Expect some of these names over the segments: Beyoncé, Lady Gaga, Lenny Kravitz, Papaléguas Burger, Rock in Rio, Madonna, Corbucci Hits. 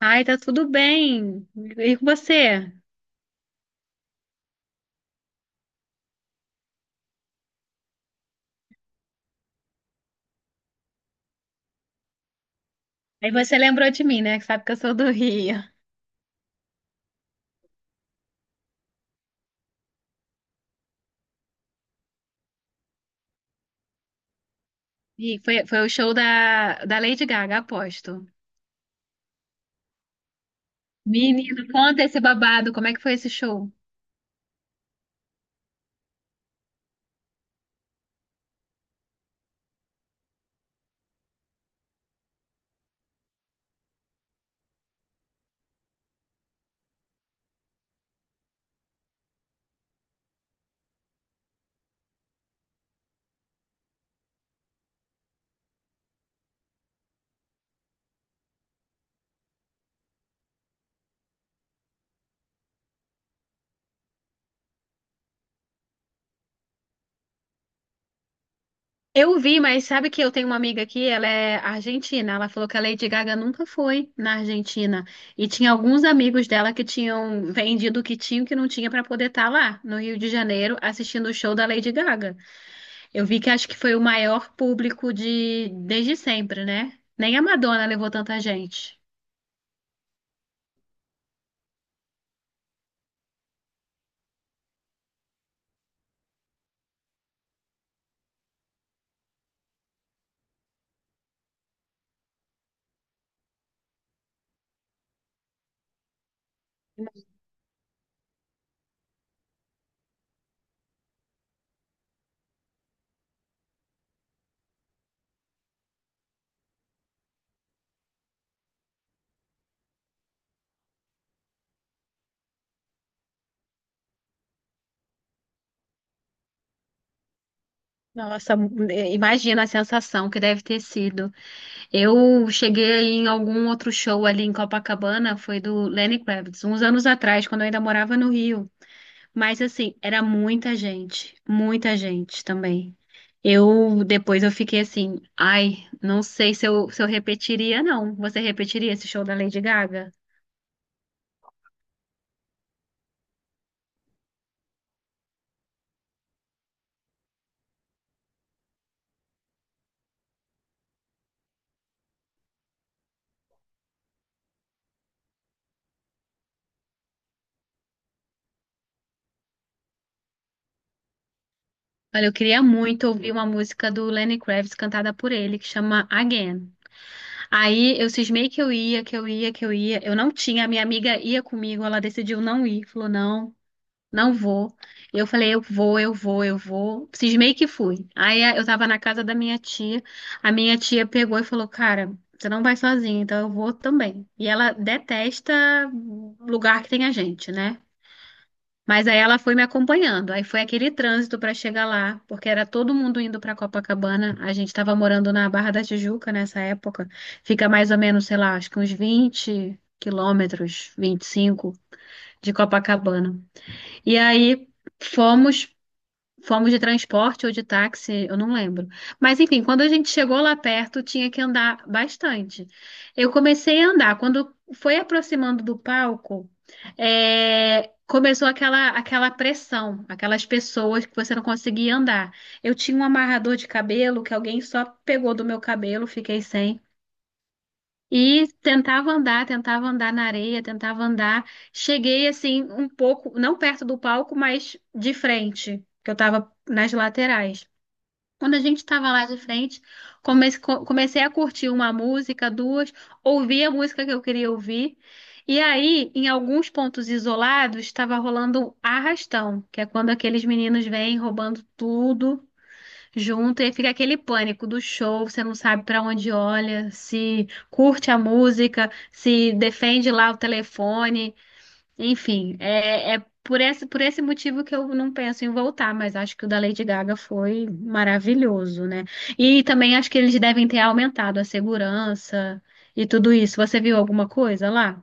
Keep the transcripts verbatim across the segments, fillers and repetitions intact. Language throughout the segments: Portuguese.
Ai, tá tudo bem. E com você? Aí você lembrou de mim, né? Que sabe que eu sou do Rio. E foi, foi o show da, da Lady Gaga, aposto. Menino, conta esse babado. Como é que foi esse show? Eu vi, mas sabe que eu tenho uma amiga aqui, ela é argentina. Ela falou que a Lady Gaga nunca foi na Argentina. E tinha alguns amigos dela que tinham vendido o que tinham e o que não tinha pra poder estar lá no Rio de Janeiro assistindo o show da Lady Gaga. Eu vi que acho que foi o maior público de desde sempre, né? Nem a Madonna levou tanta gente. Nossa, mu- eh, imagina a sensação que deve ter sido. Eu cheguei em algum outro show ali em Copacabana, foi do Lenny Kravitz, uns anos atrás, quando eu ainda morava no Rio. Mas assim, era muita gente, muita gente também. Eu depois eu fiquei assim, ai, não sei se eu, se eu repetiria, não. Você repetiria esse show da Lady Gaga? Olha, eu queria muito ouvir uma música do Lenny Kravitz cantada por ele, que chama Again. Aí eu cismei que eu ia, que eu ia, que eu ia. Eu não tinha, a minha amiga ia comigo, ela decidiu não ir, falou não, não vou. E eu falei, eu vou, eu vou, eu vou. Cismei que fui. Aí a- eu tava na casa da minha tia, a minha tia pegou e falou, cara, você não vai sozinha, então eu vou também. E ela detesta lugar que tem a gente, né? Mas aí ela foi me acompanhando. Aí foi aquele trânsito para chegar lá, porque era todo mundo indo para Copacabana. A gente estava morando na Barra da Tijuca nessa época. Fica mais ou menos, sei lá, acho que uns vinte quilômetros, vinte e cinco de Copacabana. E aí fomos Fomos de transporte ou de táxi, eu não lembro. Mas enfim, quando a gente chegou lá perto, tinha que andar bastante. Eu comecei a andar. Quando foi aproximando do palco, é, começou aquela, aquela pressão, aquelas pessoas que você não conseguia andar. Eu tinha um amarrador de cabelo que alguém só pegou do meu cabelo, fiquei sem. E tentava andar, tentava andar na areia, tentava andar. Cheguei assim um pouco, não perto do palco, mas de frente, que eu tava nas laterais. Quando a gente estava lá de frente, comece- co- comecei a curtir uma música, duas, ouvi a música que eu queria ouvir. E aí, em alguns pontos isolados, estava rolando um arrastão, que é quando aqueles meninos vêm roubando tudo junto e fica aquele pânico do show, você não sabe para onde olha, se curte a música, se defende lá o telefone, enfim, é, é por esse, por esse motivo que eu não penso em voltar, mas acho que o da Lady Gaga foi maravilhoso, né? E também acho que eles devem ter aumentado a segurança e tudo isso. Você viu alguma coisa lá?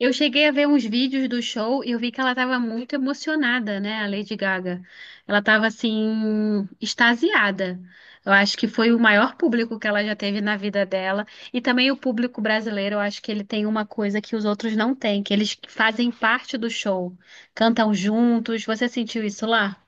Eu cheguei a ver uns vídeos do show e eu vi que ela estava muito emocionada, né, a Lady Gaga. Ela estava assim extasiada. Eu acho que foi o maior público que ela já teve na vida dela e também o público brasileiro, eu acho que ele tem uma coisa que os outros não têm, que eles fazem parte do show, cantam juntos. Você sentiu isso lá?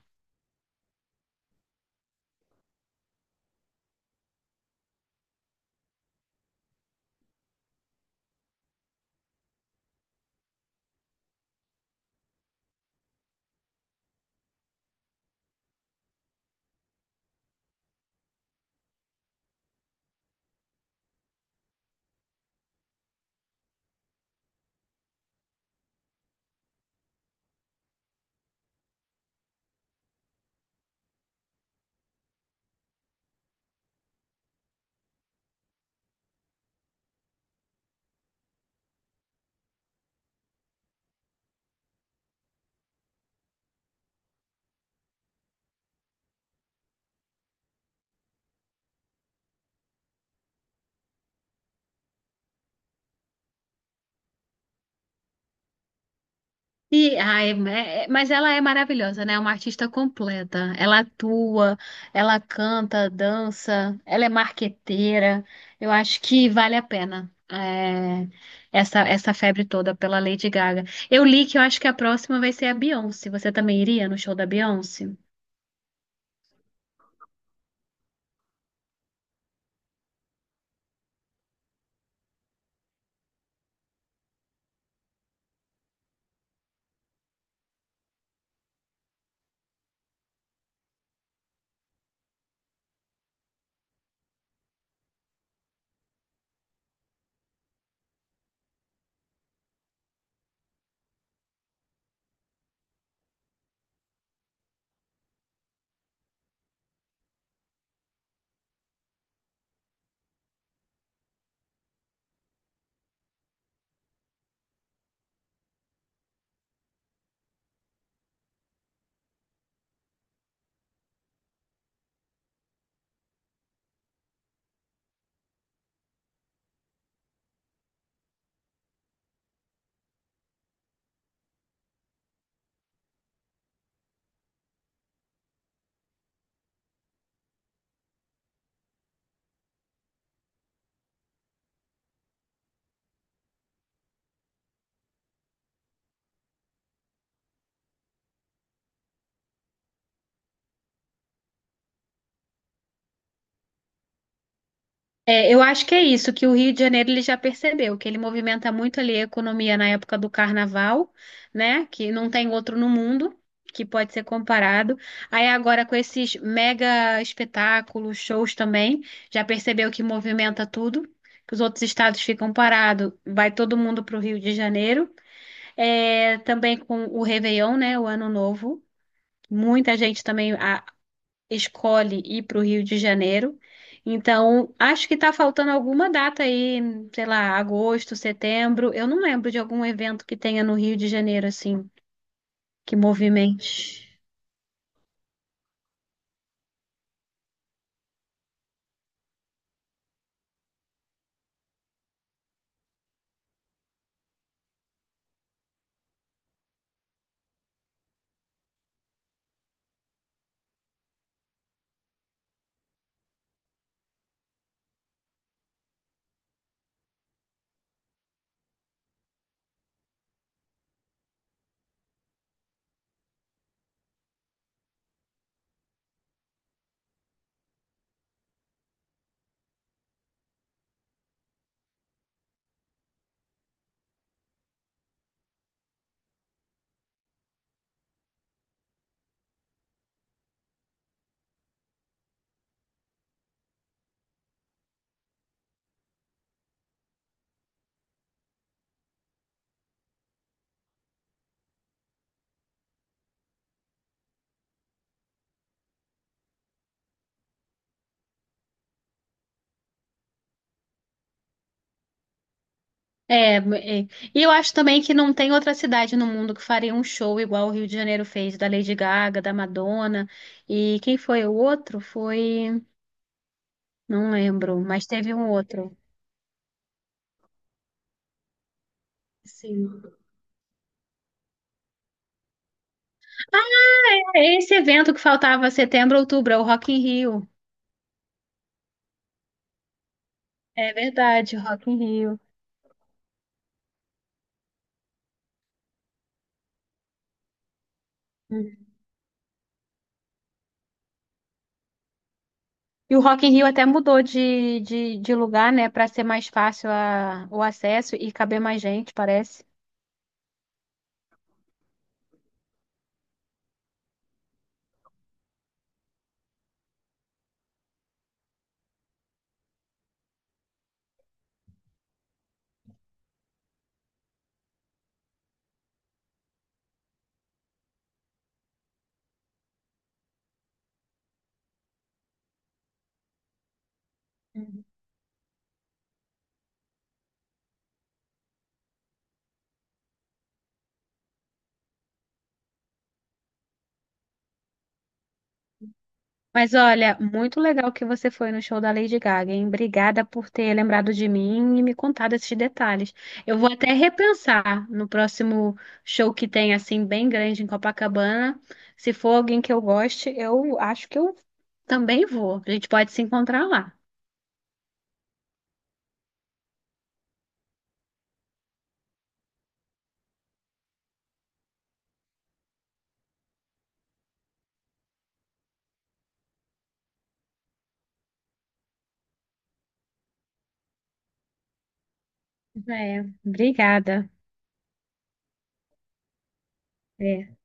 E, ai, é- é- mas ela é maravilhosa, né? É uma artista completa. Ela atua, ela canta, dança, ela é marqueteira. Eu acho que vale a pena é, essa, essa febre toda pela Lady Gaga. Eu li que eu acho que a próxima vai ser a Beyoncé. Você também iria no show da Beyoncé? É, eu acho que é isso, que o Rio de Janeiro ele já percebeu, que ele movimenta muito ali a economia na época do carnaval, né? Que não tem outro no mundo que pode ser comparado. Aí agora com esses mega espetáculos, shows também, já percebeu que movimenta tudo, que os outros estados ficam parados, vai todo mundo para o Rio de Janeiro. É, também com o Réveillon, né? O Ano Novo. Muita gente também a- escolhe ir para o Rio de Janeiro. Então, acho que está faltando alguma data aí, sei lá, agosto, setembro. Eu não lembro de algum evento que tenha no Rio de Janeiro, assim, que movimente. É, é. E eu acho também que não tem outra cidade no mundo que faria um show igual o Rio de Janeiro fez, da Lady Gaga, da Madonna. E quem foi o outro? Foi. Não lembro, mas teve um outro. Sim. É esse evento que faltava setembro, outubro, é o Rock in Rio. É verdade, Rock in Rio. Uhum. E o Rock in Rio até mudou de, de, de lugar, né, para ser mais fácil a- o acesso e caber mais gente, parece. Uhum. Mas olha, muito legal que você foi no show da Lady Gaga, hein? Obrigada por ter lembrado de mim e me contado esses detalhes. Eu vou até repensar no próximo show que tem, assim, bem grande em Copacabana. Se for alguém que eu goste, eu acho que eu também vou. A gente pode se encontrar lá. É, obrigada. É.